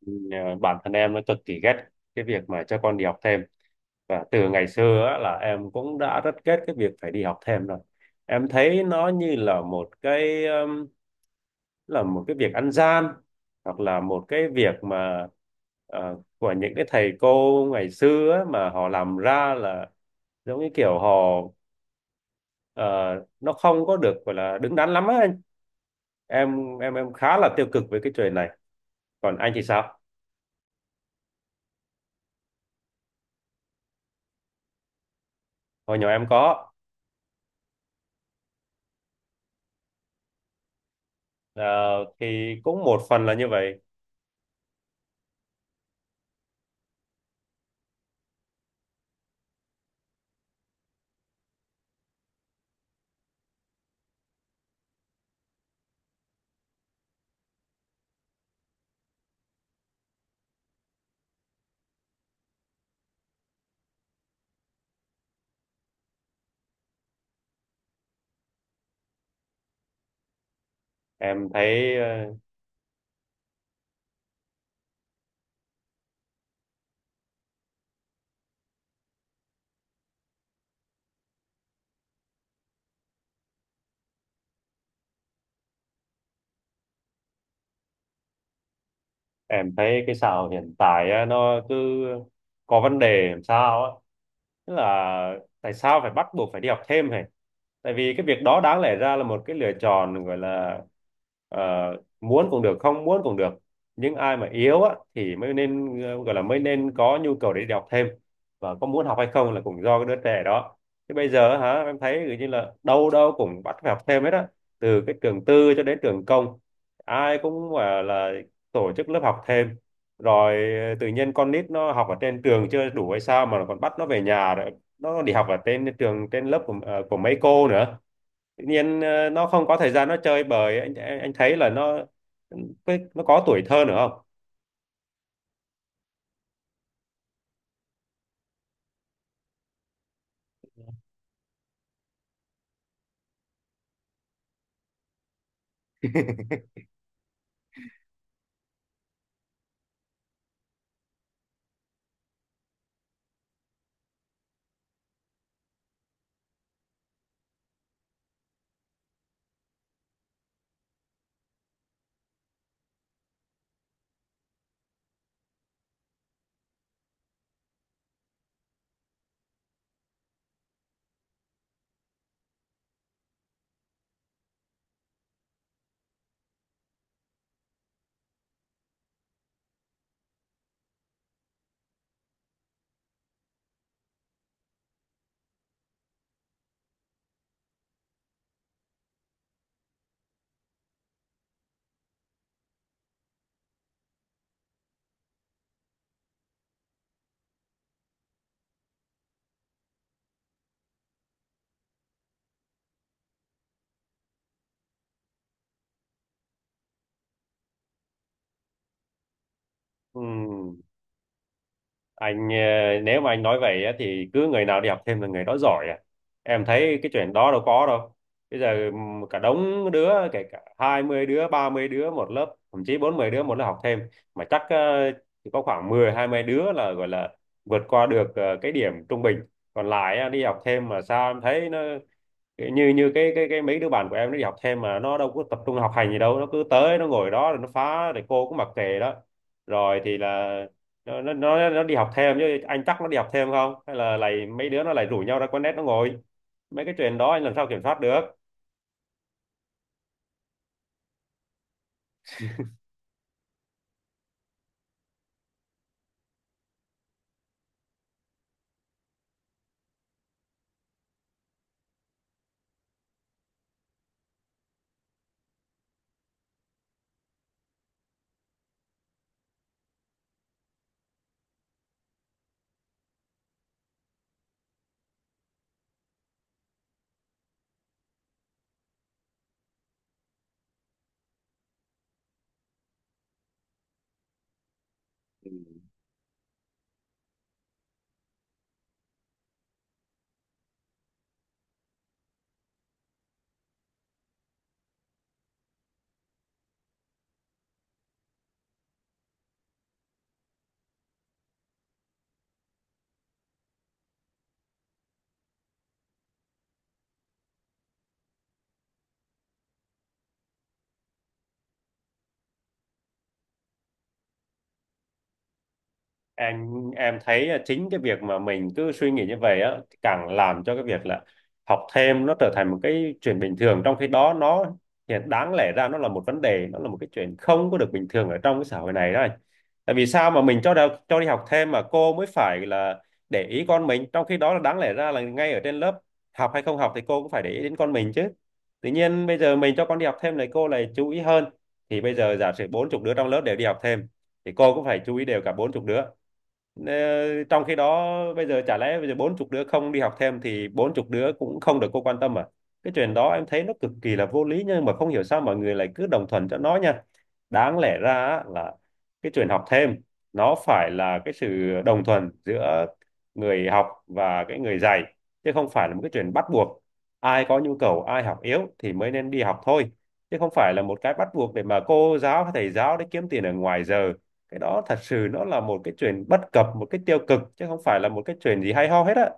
Nhờ bản thân em nó cực kỳ ghét cái việc mà cho con đi học thêm, và từ ngày xưa á, là em cũng đã rất ghét cái việc phải đi học thêm rồi. Em thấy nó như là một cái việc ăn gian, hoặc là một cái việc mà của những cái thầy cô ngày xưa á, mà họ làm ra là giống như kiểu họ, ờ, nó không có được gọi là đứng đắn lắm á anh. Em khá là tiêu cực với cái chuyện này, còn anh thì sao? Hồi nhỏ em có. Ờ, thì cũng một phần là như vậy. em thấy ờ, em thấy cái xã hội hiện tại á, nó cứ có vấn đề làm sao á. Tức là tại sao phải bắt buộc phải đi học thêm hả? Tại vì cái việc đó đáng lẽ ra là một cái lựa chọn, gọi là ờ, muốn cũng được, không muốn cũng được. Nhưng ai mà yếu á thì mới nên gọi là mới nên có nhu cầu để đi học thêm, và có muốn học hay không là cũng do cái đứa trẻ đó. Thế bây giờ hả, em thấy kiểu như là đâu đâu cũng bắt phải học thêm hết á, từ cái trường tư cho đến trường công, ai cũng gọi là tổ chức lớp học thêm. Rồi tự nhiên con nít nó học ở trên trường chưa đủ hay sao mà còn bắt nó về nhà, rồi nó đi học ở trên trường trên lớp của của mấy cô nữa. Tự nhiên nó không có thời gian nó chơi bời, anh thấy là nó nó có tuổi thơ nữa không? Ừm. Anh nếu mà anh nói vậy á, thì cứ người nào đi học thêm là người đó giỏi à? Em thấy cái chuyện đó đâu có đâu. Bây giờ cả đống đứa, kể cả 20 đứa, 30 đứa một lớp, thậm chí 40 đứa một lớp học thêm, mà chắc chỉ có khoảng mười, hai mươi đứa là gọi là vượt qua được cái điểm trung bình. Còn lại á, đi học thêm mà sao em thấy nó kiểu như, như cái mấy đứa bạn của em nó đi học thêm mà nó đâu có tập trung học hành gì đâu, nó cứ tới nó ngồi đó rồi nó phá, rồi cô cũng mặc kệ đó. Rồi thì là nó đi học thêm, chứ anh chắc nó đi học thêm không, hay là lại mấy đứa nó lại rủ nhau ra quán net nó ngồi? Mấy cái chuyện đó anh làm sao kiểm soát được? Anh em thấy à, chính cái việc mà mình cứ suy nghĩ như vậy á, càng làm cho cái việc là học thêm nó trở thành một cái chuyện bình thường, trong khi đó nó hiện đáng lẽ ra nó là một vấn đề, nó là một cái chuyện không có được bình thường ở trong cái xã hội này đó anh. Tại vì sao mà mình cho đi học thêm mà cô mới phải là để ý con mình, trong khi đó là đáng lẽ ra là ngay ở trên lớp, học hay không học thì cô cũng phải để ý đến con mình chứ. Tự nhiên bây giờ mình cho con đi học thêm này cô lại chú ý hơn. Thì bây giờ giả sử bốn chục đứa trong lớp đều đi học thêm thì cô cũng phải chú ý đều cả bốn chục đứa. Ờ, trong khi đó bây giờ chả lẽ bây giờ bốn chục đứa không đi học thêm thì bốn chục đứa cũng không được cô quan tâm à? Cái chuyện đó em thấy nó cực kỳ là vô lý, nhưng mà không hiểu sao mọi người lại cứ đồng thuận cho nó nha. Đáng lẽ ra á, là cái chuyện học thêm nó phải là cái sự đồng thuận giữa người học và cái người dạy, chứ không phải là một cái chuyện bắt buộc. Ai có nhu cầu, ai học yếu thì mới nên đi học thôi, chứ không phải là một cái bắt buộc để mà cô giáo hay thầy giáo để kiếm tiền ở ngoài giờ. Cái đó thật sự nó là một cái chuyện bất cập, một cái tiêu cực, chứ không phải là một cái chuyện gì hay ho hết á.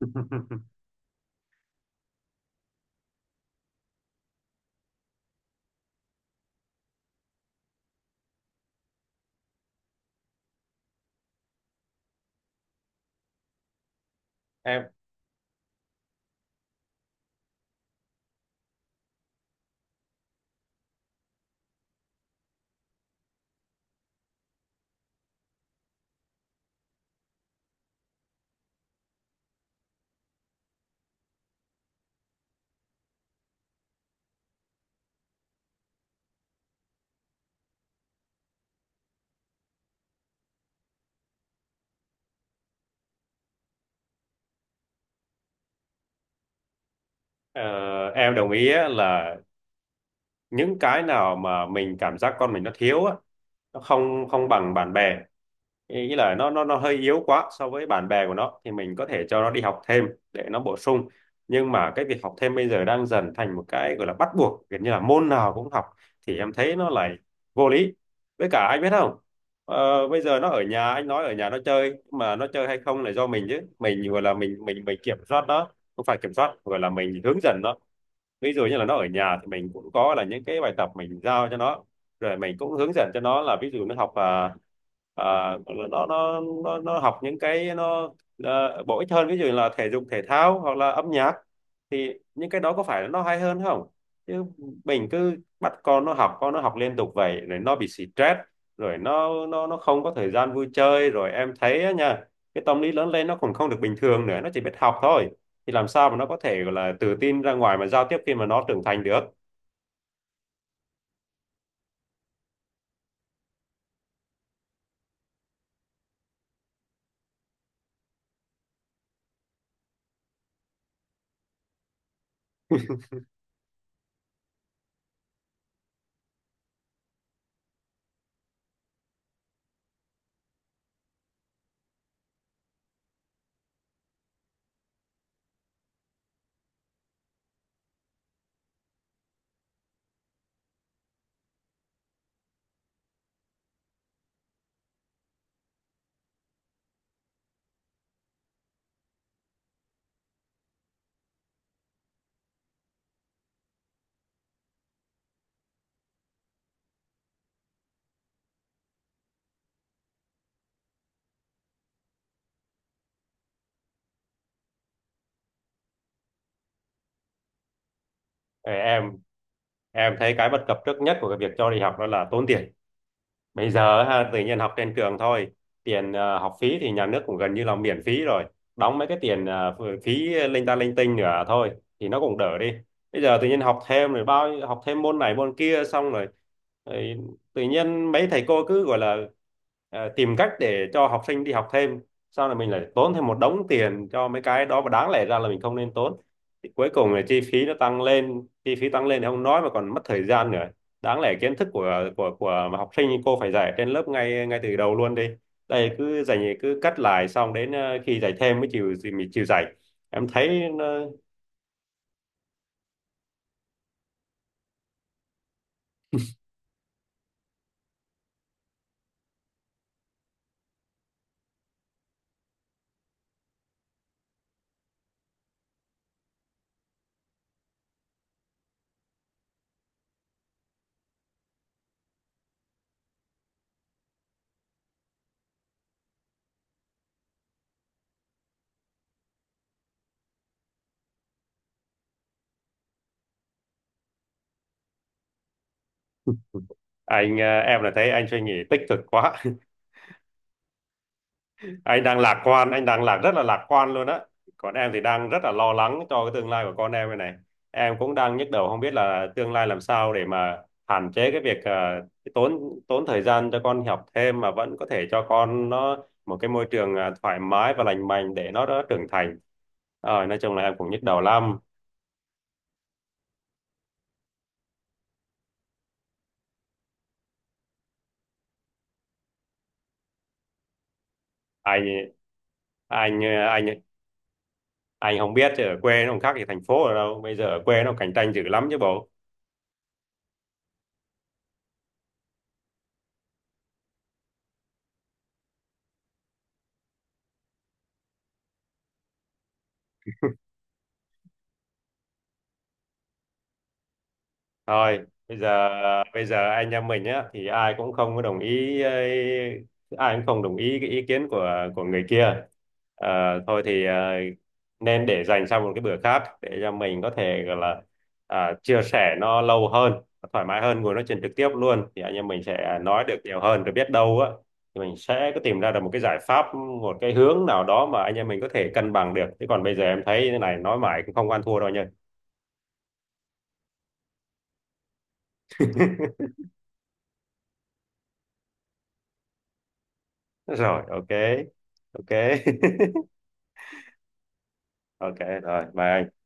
Em ờ, em đồng ý á, là những cái nào mà mình cảm giác con mình nó thiếu á, nó không không bằng bạn bè, ý ý là nó hơi yếu quá so với bạn bè của nó, thì mình có thể cho nó đi học thêm để nó bổ sung. Nhưng mà cái việc học thêm bây giờ đang dần thành một cái gọi là bắt buộc, gần như là môn nào cũng học, thì em thấy nó lại vô lý. Với cả anh biết không, ờ, bây giờ nó ở nhà, anh nói ở nhà nó chơi, nhưng mà nó chơi hay không là do mình chứ, mình gọi là mình kiểm soát nó, không phải kiểm soát, gọi là mình hướng dẫn nó. Ví dụ như là nó ở nhà thì mình cũng có là những cái bài tập mình giao cho nó, rồi mình cũng hướng dẫn cho nó, là ví dụ nó học à, nó học những cái nó à, bổ ích hơn, ví dụ là thể dục thể thao hoặc là âm nhạc, thì những cái đó có phải là nó hay hơn không? Chứ mình cứ bắt con nó học, con nó học liên tục vậy rồi nó bị stress, rồi nó không có thời gian vui chơi, rồi em thấy á nha, cái tâm lý lớn lên nó còn không được bình thường nữa, nó chỉ biết học thôi, thì làm sao mà nó có thể gọi là tự tin ra ngoài mà giao tiếp khi mà nó trưởng thành được? Ờ, em thấy cái bất cập trước nhất của cái việc cho đi học đó là tốn tiền. Bây giờ ha, tự nhiên học trên trường thôi, tiền học phí thì nhà nước cũng gần như là miễn phí rồi, đóng mấy cái tiền phí linh ta linh tinh nữa thôi thì nó cũng đỡ đi. Bây giờ tự nhiên học thêm rồi học thêm môn này môn kia xong rồi, rồi tự nhiên mấy thầy cô cứ gọi là tìm cách để cho học sinh đi học thêm, sau này mình lại tốn thêm một đống tiền cho mấy cái đó mà đáng lẽ ra là mình không nên tốn. Thì cuối cùng là chi phí nó tăng lên, chi phí tăng lên thì không nói, mà còn mất thời gian nữa. Đáng lẽ kiến thức của học sinh cô phải dạy trên lớp ngay ngay từ đầu luôn đi, đây cứ dạy cứ cắt lại, xong đến khi dạy thêm mới chịu, mình chịu dạy. Em thấy nó- anh em là thấy anh suy nghĩ tích cực quá, anh đang lạc quan, anh đang rất là lạc quan luôn á. Còn em thì đang rất là lo lắng cho cái tương lai của con em này này. Em cũng đang nhức đầu không biết là tương lai làm sao để mà hạn chế cái việc cái tốn tốn thời gian cho con học thêm, mà vẫn có thể cho con nó một cái môi trường thoải mái và lành mạnh để nó đã trưởng thành. Ờ, nói chung là em cũng nhức đầu lắm. Anh anh anh anh không biết chứ ở quê nó không khác gì thành phố ở đâu, bây giờ ở quê nó cạnh tranh dữ lắm chứ bộ. Thôi, bây giờ bây giờ anh em mình á thì ai cũng không có đồng ý ấy, ai cũng không đồng ý cái ý kiến của người kia. Ờ, thôi thì, ờ, nên để dành sang một cái bữa khác để cho mình có thể gọi là chia sẻ nó lâu hơn, thoải mái hơn, ngồi nói chuyện trực tiếp luôn, thì anh em mình sẽ nói được nhiều hơn, rồi biết đâu á thì mình sẽ có tìm ra được một cái giải pháp, một cái hướng nào đó mà anh em mình có thể cân bằng được. Chứ còn bây giờ em thấy thế này nói mãi cũng không ăn thua đâu nha. Rồi, ok. Ok. Ok, rồi bye.